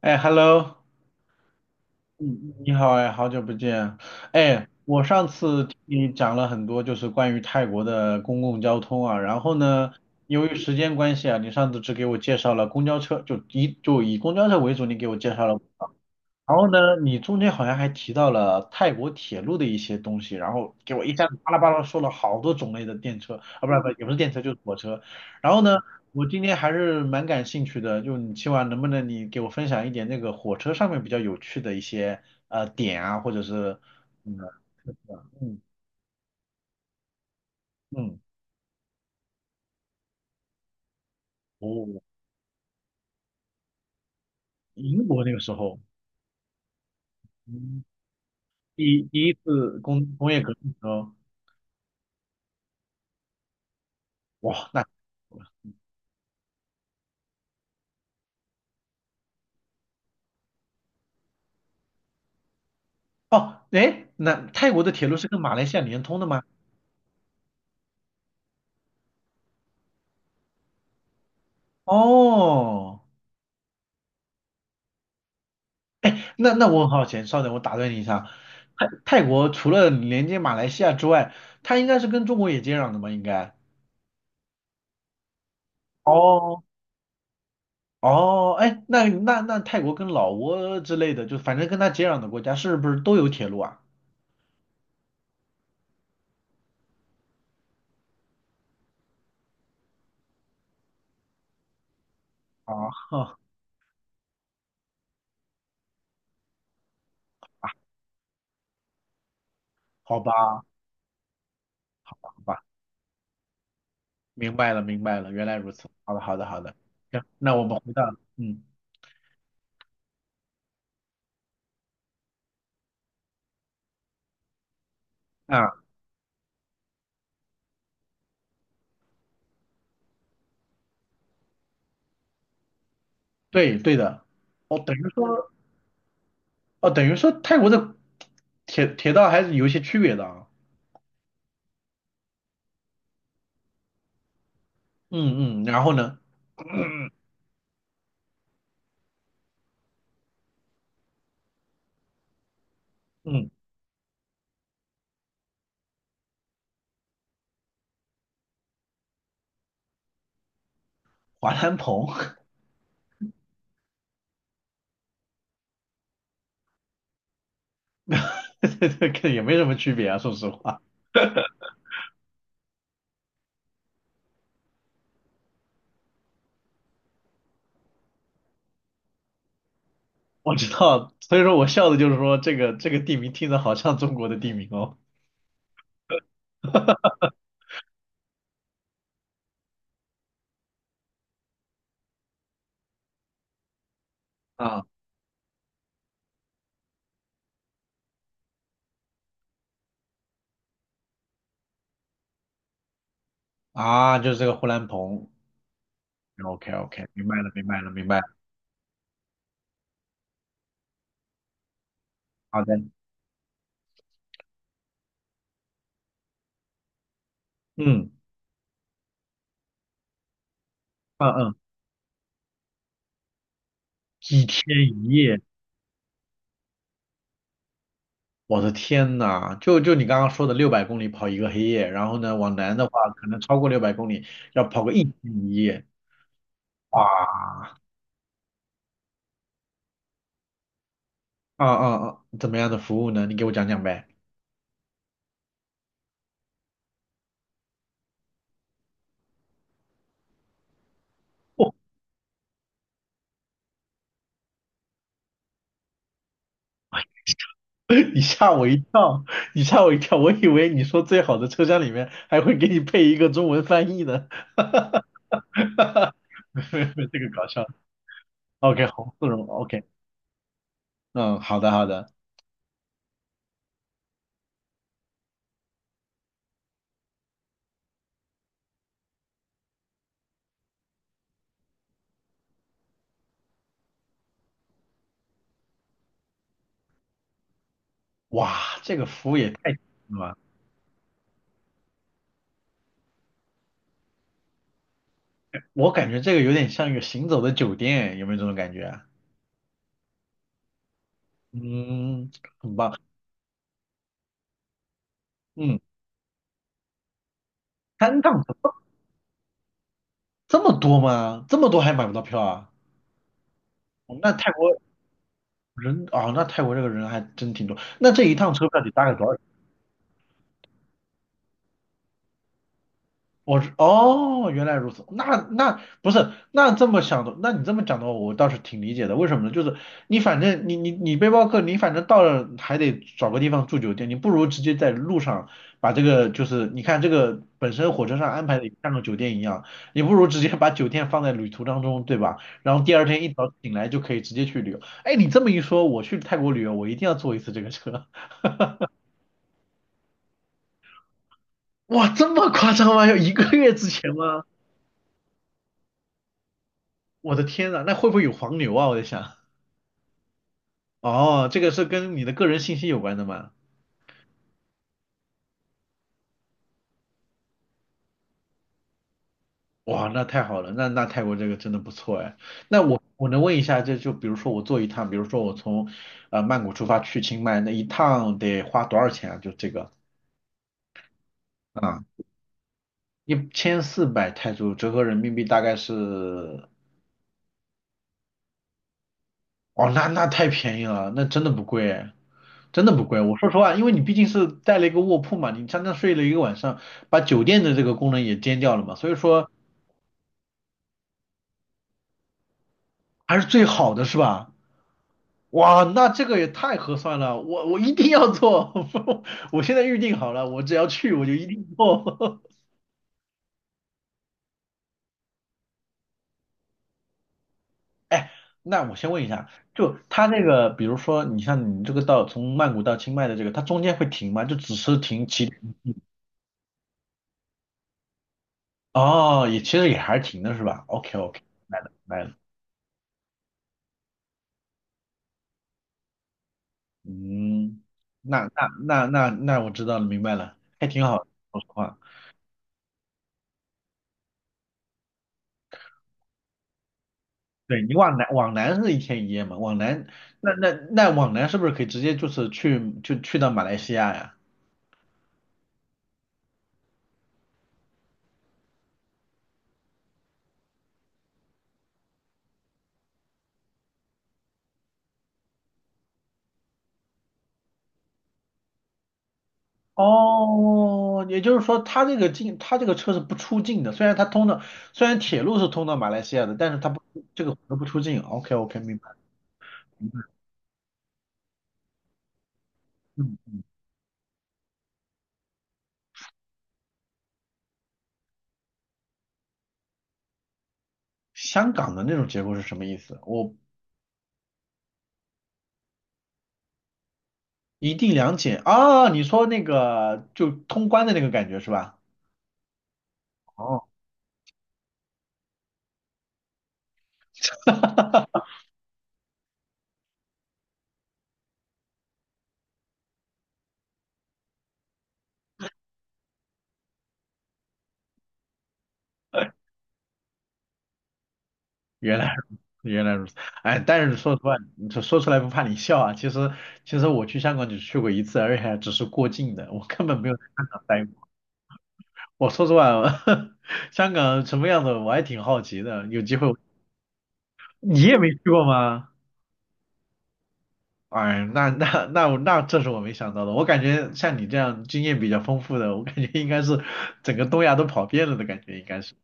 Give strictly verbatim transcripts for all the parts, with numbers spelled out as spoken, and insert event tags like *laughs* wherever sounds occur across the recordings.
哎，Hello。嗯，你好哎，好久不见。哎，我上次听你讲了很多，就是关于泰国的公共交通啊。然后呢，由于时间关系啊，你上次只给我介绍了公交车，就以就以公交车为主，你给我介绍了。然后呢，你中间好像还提到了泰国铁路的一些东西，然后给我一下子巴拉巴拉说了好多种类的电车。啊，不是不是，也不是电车，就是火车。然后呢，我今天还是蛮感兴趣的，就你今晚能不能你给我分享一点那个火车上面比较有趣的一些呃点啊，或者是嗯嗯嗯。哦，英国那个时候，嗯，第第一次工工业革命的时候，哇，那哦。哎，那泰国的铁路是跟马来西亚连通的吗？哦，那那我很好奇，稍等，我打断你一下。泰泰国除了连接马来西亚之外，它应该是跟中国也接壤的吧？应该。哦哦，哎，那那那泰国跟老挝之类的，就反正跟它接壤的国家，是不是都有铁路啊？啊，*laughs* 呵啊。好吧，好吧，好吧，明白了，明白了，原来如此。好的，好的，好的。行，那我们回到，嗯啊，对对的。哦，等于说，哦，等于说泰国的铁铁道还是有一些区别的啊。嗯嗯，然后呢？嗯，嗯华南鹏。*laughs* 这个也没什么区别啊，说实话。我知道，所以说我笑的就是说这个这个地名听着好像中国的地名哦。啊 *laughs* 啊，就是这个呼兰鹏。OK OK，明白了明白了明白了。好的，嗯嗯嗯。几天一夜，我的天呐，就就你刚刚说的六百公里跑一个黑夜，然后呢往南的话可能超过六百公里要跑个一天一夜。哇。啊啊啊，怎么样的服务呢？你给我讲讲呗。*laughs* 你吓我一跳，你吓我一跳，我以为你说最好的车厢里面还会给你配一个中文翻译呢。*laughs* 哈哈哈，没没这个搞笑。OK，红丝绒，OK，嗯，好的好的。哇，这个服务也太强了吧。我感觉这个有点像一个行走的酒店，有没有这种感觉啊？嗯，很棒。嗯，三趟怎么这么多吗？这么多还买不到票啊？哦那泰国人啊，那泰国这个人还真挺多，那这一趟车票得大概多少？我是哦，原来如此。那那不是那这么想的，那你这么讲的话，我倒是挺理解的。为什么呢？就是你反正你你你背包客，你反正到了还得找个地方住酒店，你不如直接在路上把这个就是你看这个本身火车上安排的像个酒店一样，你不如直接把酒店放在旅途当中，对吧？然后第二天一早醒来就可以直接去旅游。哎，你这么一说，我去泰国旅游，我一定要坐一次这个车。*laughs* 哇，这么夸张吗？要一个月之前吗？我的天呐，那会不会有黄牛啊？我在想。哦，这个是跟你的个人信息有关的吗？哇，那太好了，那那泰国这个真的不错哎。那我我能问一下，这就比如说我坐一趟，比如说我从呃曼谷出发去清迈，那一趟得花多少钱啊？就这个啊，一千四百泰铢，折合人民币大概是，哦，那那太便宜了，那真的不贵哎，真的不贵。我说实话，因为你毕竟是带了一个卧铺嘛，你相当睡了一个晚上，把酒店的这个功能也兼掉了嘛，所以说还是最好的是吧？哇，那这个也太合算了，我我一定要做，*laughs* 我现在预定好了，我只要去我就一定做。*laughs* 哎，那我先问一下，就他那个，比如说你像你这个到从曼谷到清迈的这个，它中间会停吗？就只是停几。哦，也其实也还是停的是吧？OK OK，来了来了，嗯，那那那那那我知道了，明白了，还挺好的，说实话。对你往南往南是一天一夜嘛，往南那那那往南是不是可以直接就是去就去到马来西亚呀？哦，也就是说，它这个进，它这个车是不出境的。虽然它通的，虽然铁路是通到马来西亚的，但是它不，这个河不出境。OK OK，明白明白。嗯，香港的那种结构是什么意思？我一地两检啊，你说那个就通关的那个感觉是吧？哦，*laughs* 原来如原来如此。哎，但是说实话，你说说出来不怕你笑啊。其实其实我去香港只去过一次，而且还只是过境的，我根本没有在香港待过。我说实话，*laughs* 香港什么样子我还挺好奇的，有机会我你也没去过吗？哎，那那那我那这是我没想到的。我感觉像你这样经验比较丰富的，我感觉应该是整个东亚都跑遍了的感觉，应该是。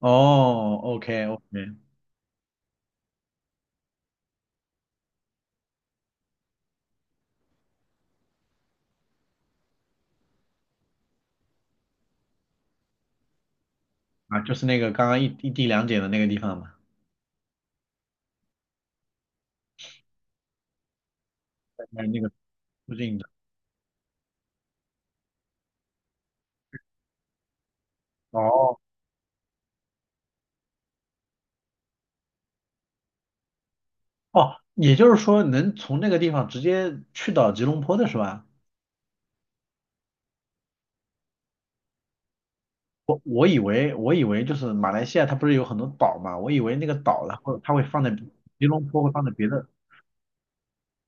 哦，OK OK，啊，就是那个刚刚一一地两检的那个地方嘛，在那个附近。的。哦哦，也就是说能从那个地方直接去到吉隆坡的是吧？我以为我以为就是马来西亚它不是有很多岛嘛，我以为那个岛然后它会放在吉隆坡会放在别的，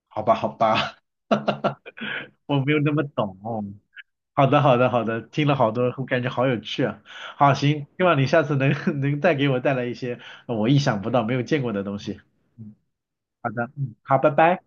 好吧好吧，*laughs* 我没有那么懂哦。好的好的好的，听了好多，我感觉好有趣啊。好行，希望你下次能 *laughs* 能再给我带来一些我意想不到没有见过的东西。嗯，好的，嗯，好，拜拜。